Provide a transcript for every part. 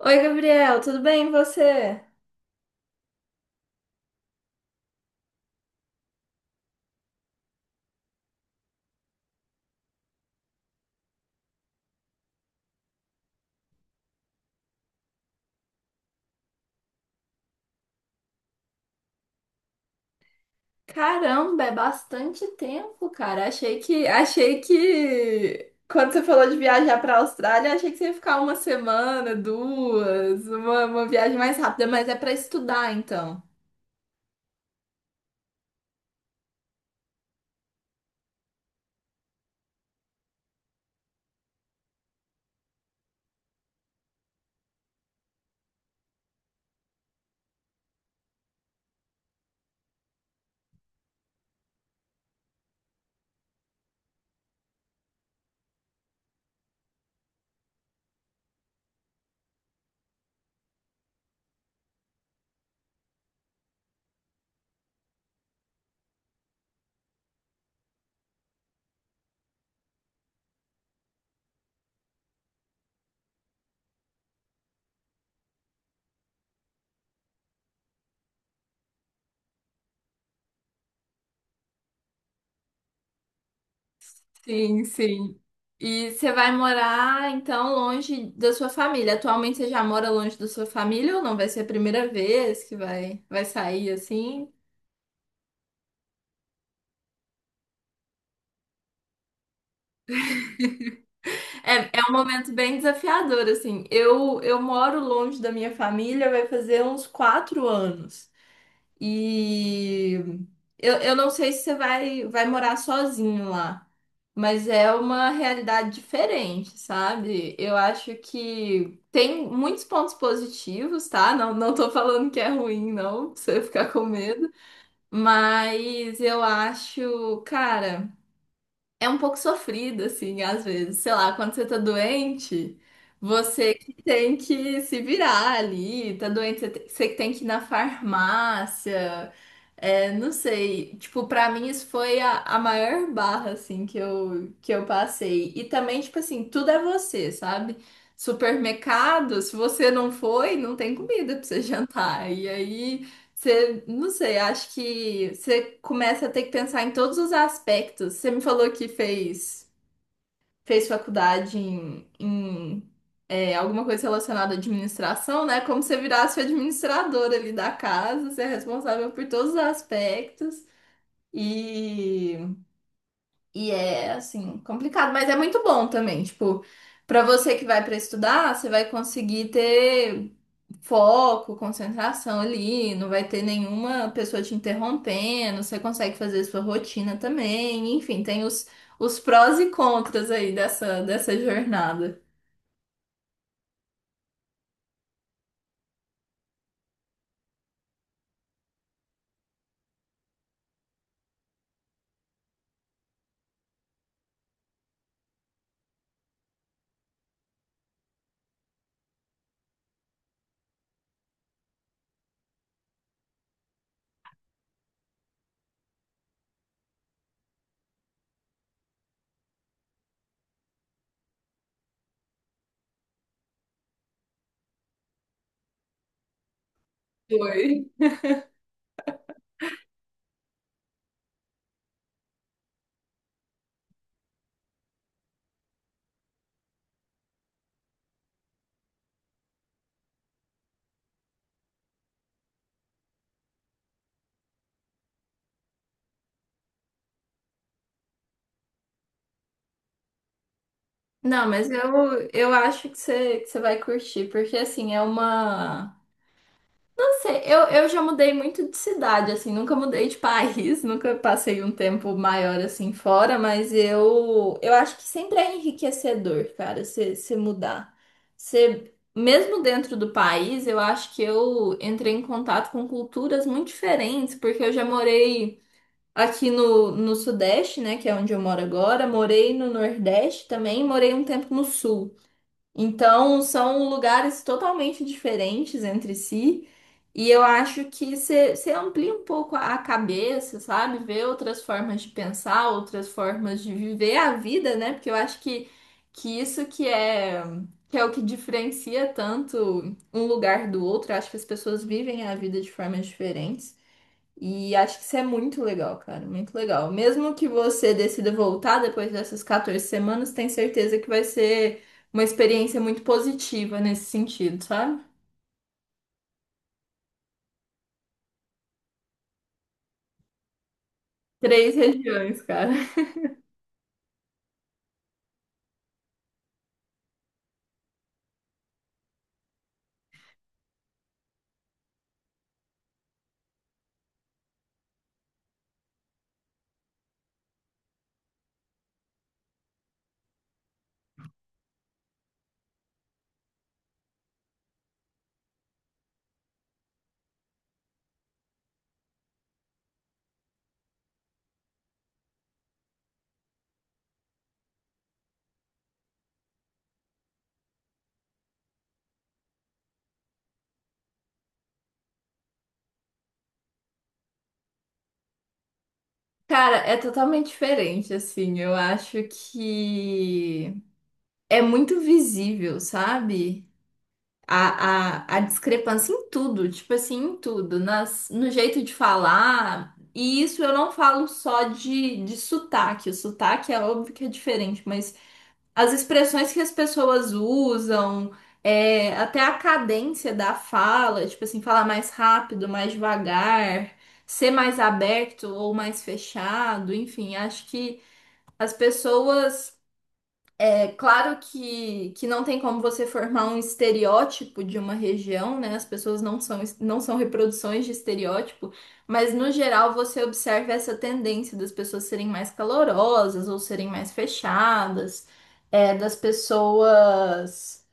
Oi, Gabriel, tudo bem e você? Caramba, é bastante tempo, cara. Achei que quando você falou de viajar para a Austrália, achei que você ia ficar uma semana, duas, uma viagem mais rápida, mas é para estudar, então. Sim, sim. E você vai morar então longe da sua família. Atualmente você já mora longe da sua família ou não? Vai ser a primeira vez que vai, vai sair assim? É, é um momento bem desafiador, assim. Eu moro longe da minha família, vai fazer uns quatro anos. E eu não sei se você vai, vai morar sozinho lá, mas é uma realidade diferente, sabe? Eu acho que tem muitos pontos positivos, tá? Não, não tô falando que é ruim, não, pra você ficar com medo. Mas eu acho, cara, é um pouco sofrido, assim, às vezes. Sei lá, quando você tá doente, você que tem que se virar ali, tá doente, você que tem que ir na farmácia. É, não sei, tipo, pra mim isso foi a maior barra, assim, que eu passei. E também, tipo assim, tudo é você, sabe? Supermercado, se você não foi, não tem comida pra você jantar. E aí. Você, não sei, acho que você começa a ter que pensar em todos os aspectos. Você me falou que fez faculdade em alguma coisa relacionada à administração, né? Como você virasse o administrador ali da casa, você é responsável por todos os aspectos. E, e é, assim, complicado, mas é muito bom também. Tipo, para você que vai para estudar, você vai conseguir ter foco, concentração ali, não vai ter nenhuma pessoa te interrompendo, você consegue fazer sua rotina também, enfim, tem os prós e contras aí dessa jornada. Foi. Não, mas eu acho que você vai curtir, porque assim, é uma. Não sei, eu já mudei muito de cidade, assim, nunca mudei de país, nunca passei um tempo maior assim fora, mas eu acho que sempre é enriquecedor, cara, você mudar. Você, mesmo dentro do país, eu acho que eu entrei em contato com culturas muito diferentes, porque eu já morei aqui no Sudeste, né, que é onde eu moro agora, morei no Nordeste também, morei um tempo no Sul. Então, são lugares totalmente diferentes entre si, e eu acho que você amplia um pouco a cabeça, sabe? Ver outras formas de pensar, outras formas de viver a vida, né? Porque eu acho que isso que é o que diferencia tanto um lugar do outro. Eu acho que as pessoas vivem a vida de formas diferentes. E acho que isso é muito legal, cara, muito legal. Mesmo que você decida voltar depois dessas 14 semanas, tem certeza que vai ser uma experiência muito positiva nesse sentido, sabe? Três regiões, cara. Cara, é totalmente diferente, assim. Eu acho que é muito visível, sabe? A discrepância em tudo, tipo assim, em tudo, nas, no jeito de falar. E isso eu não falo só de sotaque. O sotaque é óbvio que é diferente, mas as expressões que as pessoas usam, é, até a cadência da fala, tipo assim, falar mais rápido, mais devagar, ser mais aberto ou mais fechado, enfim, acho que as pessoas. É claro que não tem como você formar um estereótipo de uma região, né? As pessoas não são reproduções de estereótipo, mas no geral você observa essa tendência das pessoas serem mais calorosas ou serem mais fechadas, é, das pessoas,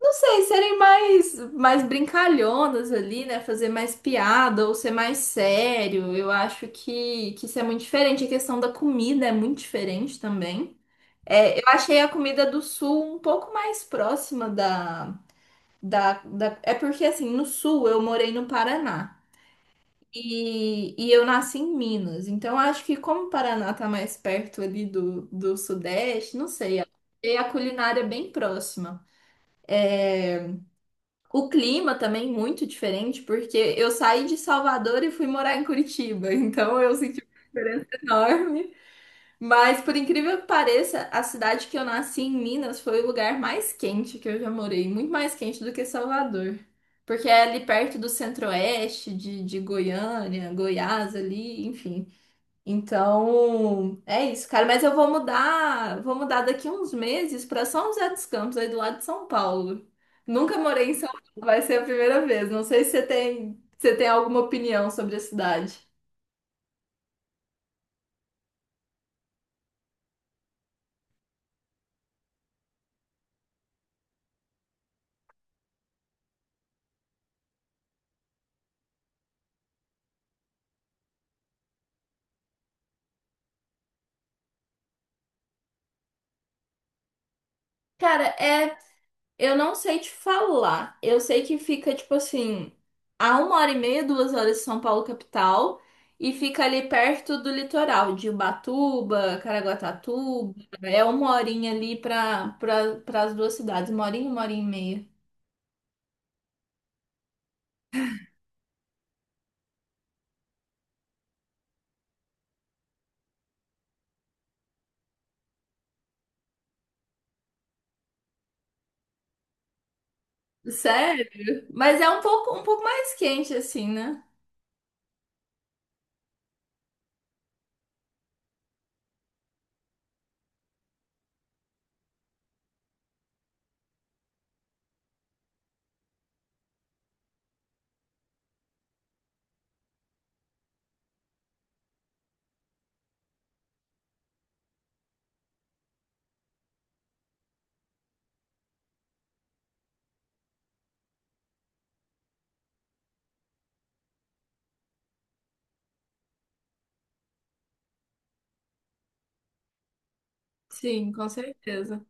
não sei, serem mais brincalhonas ali, né? Fazer mais piada ou ser mais sério. Eu acho que isso é muito diferente. A questão da comida é muito diferente também. É, eu achei a comida do sul um pouco mais próxima da- É porque, assim, no sul eu morei no Paraná e eu nasci em Minas. Então, eu acho que como o Paraná tá mais perto ali do Sudeste, não sei, achei a culinária é bem próxima. O clima também muito diferente, porque eu saí de Salvador e fui morar em Curitiba. Então, eu senti uma diferença enorme. Mas, por incrível que pareça, a cidade que eu nasci em Minas foi o lugar mais quente que eu já morei, muito mais quente do que Salvador. Porque é ali perto do centro-oeste, de Goiânia, Goiás ali, enfim. Então, é isso, cara. Mas eu vou mudar daqui uns meses para São José dos Campos, aí do lado de São Paulo. Nunca morei em São Paulo, vai ser a primeira vez. Não sei se você tem, se você tem alguma opinião sobre a cidade. Cara, é, eu não sei te falar. Eu sei que fica, tipo assim, a uma hora e meia, duas horas de São Paulo, capital, e fica ali perto do litoral, de Ubatuba, Caraguatatuba. É uma horinha ali pra pras duas cidades, uma horinha e meia. Sério? Mas é um pouco mais quente, assim, né? Sim, com certeza.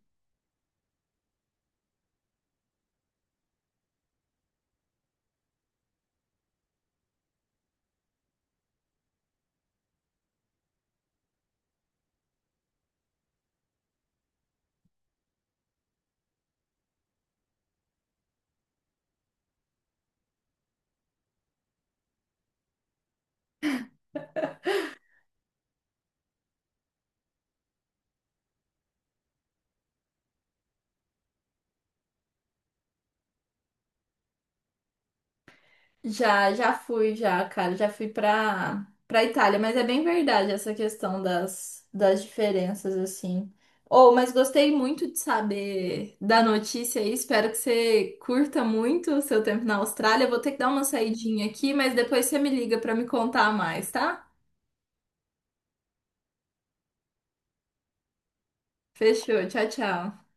Já, já fui, já, cara, já fui pra Itália, mas é bem verdade essa questão das diferenças, assim. Oh, mas gostei muito de saber da notícia aí, espero que você curta muito o seu tempo na Austrália. Vou ter que dar uma saidinha aqui, mas depois você me liga pra me contar mais, tá? Fechou, tchau, tchau.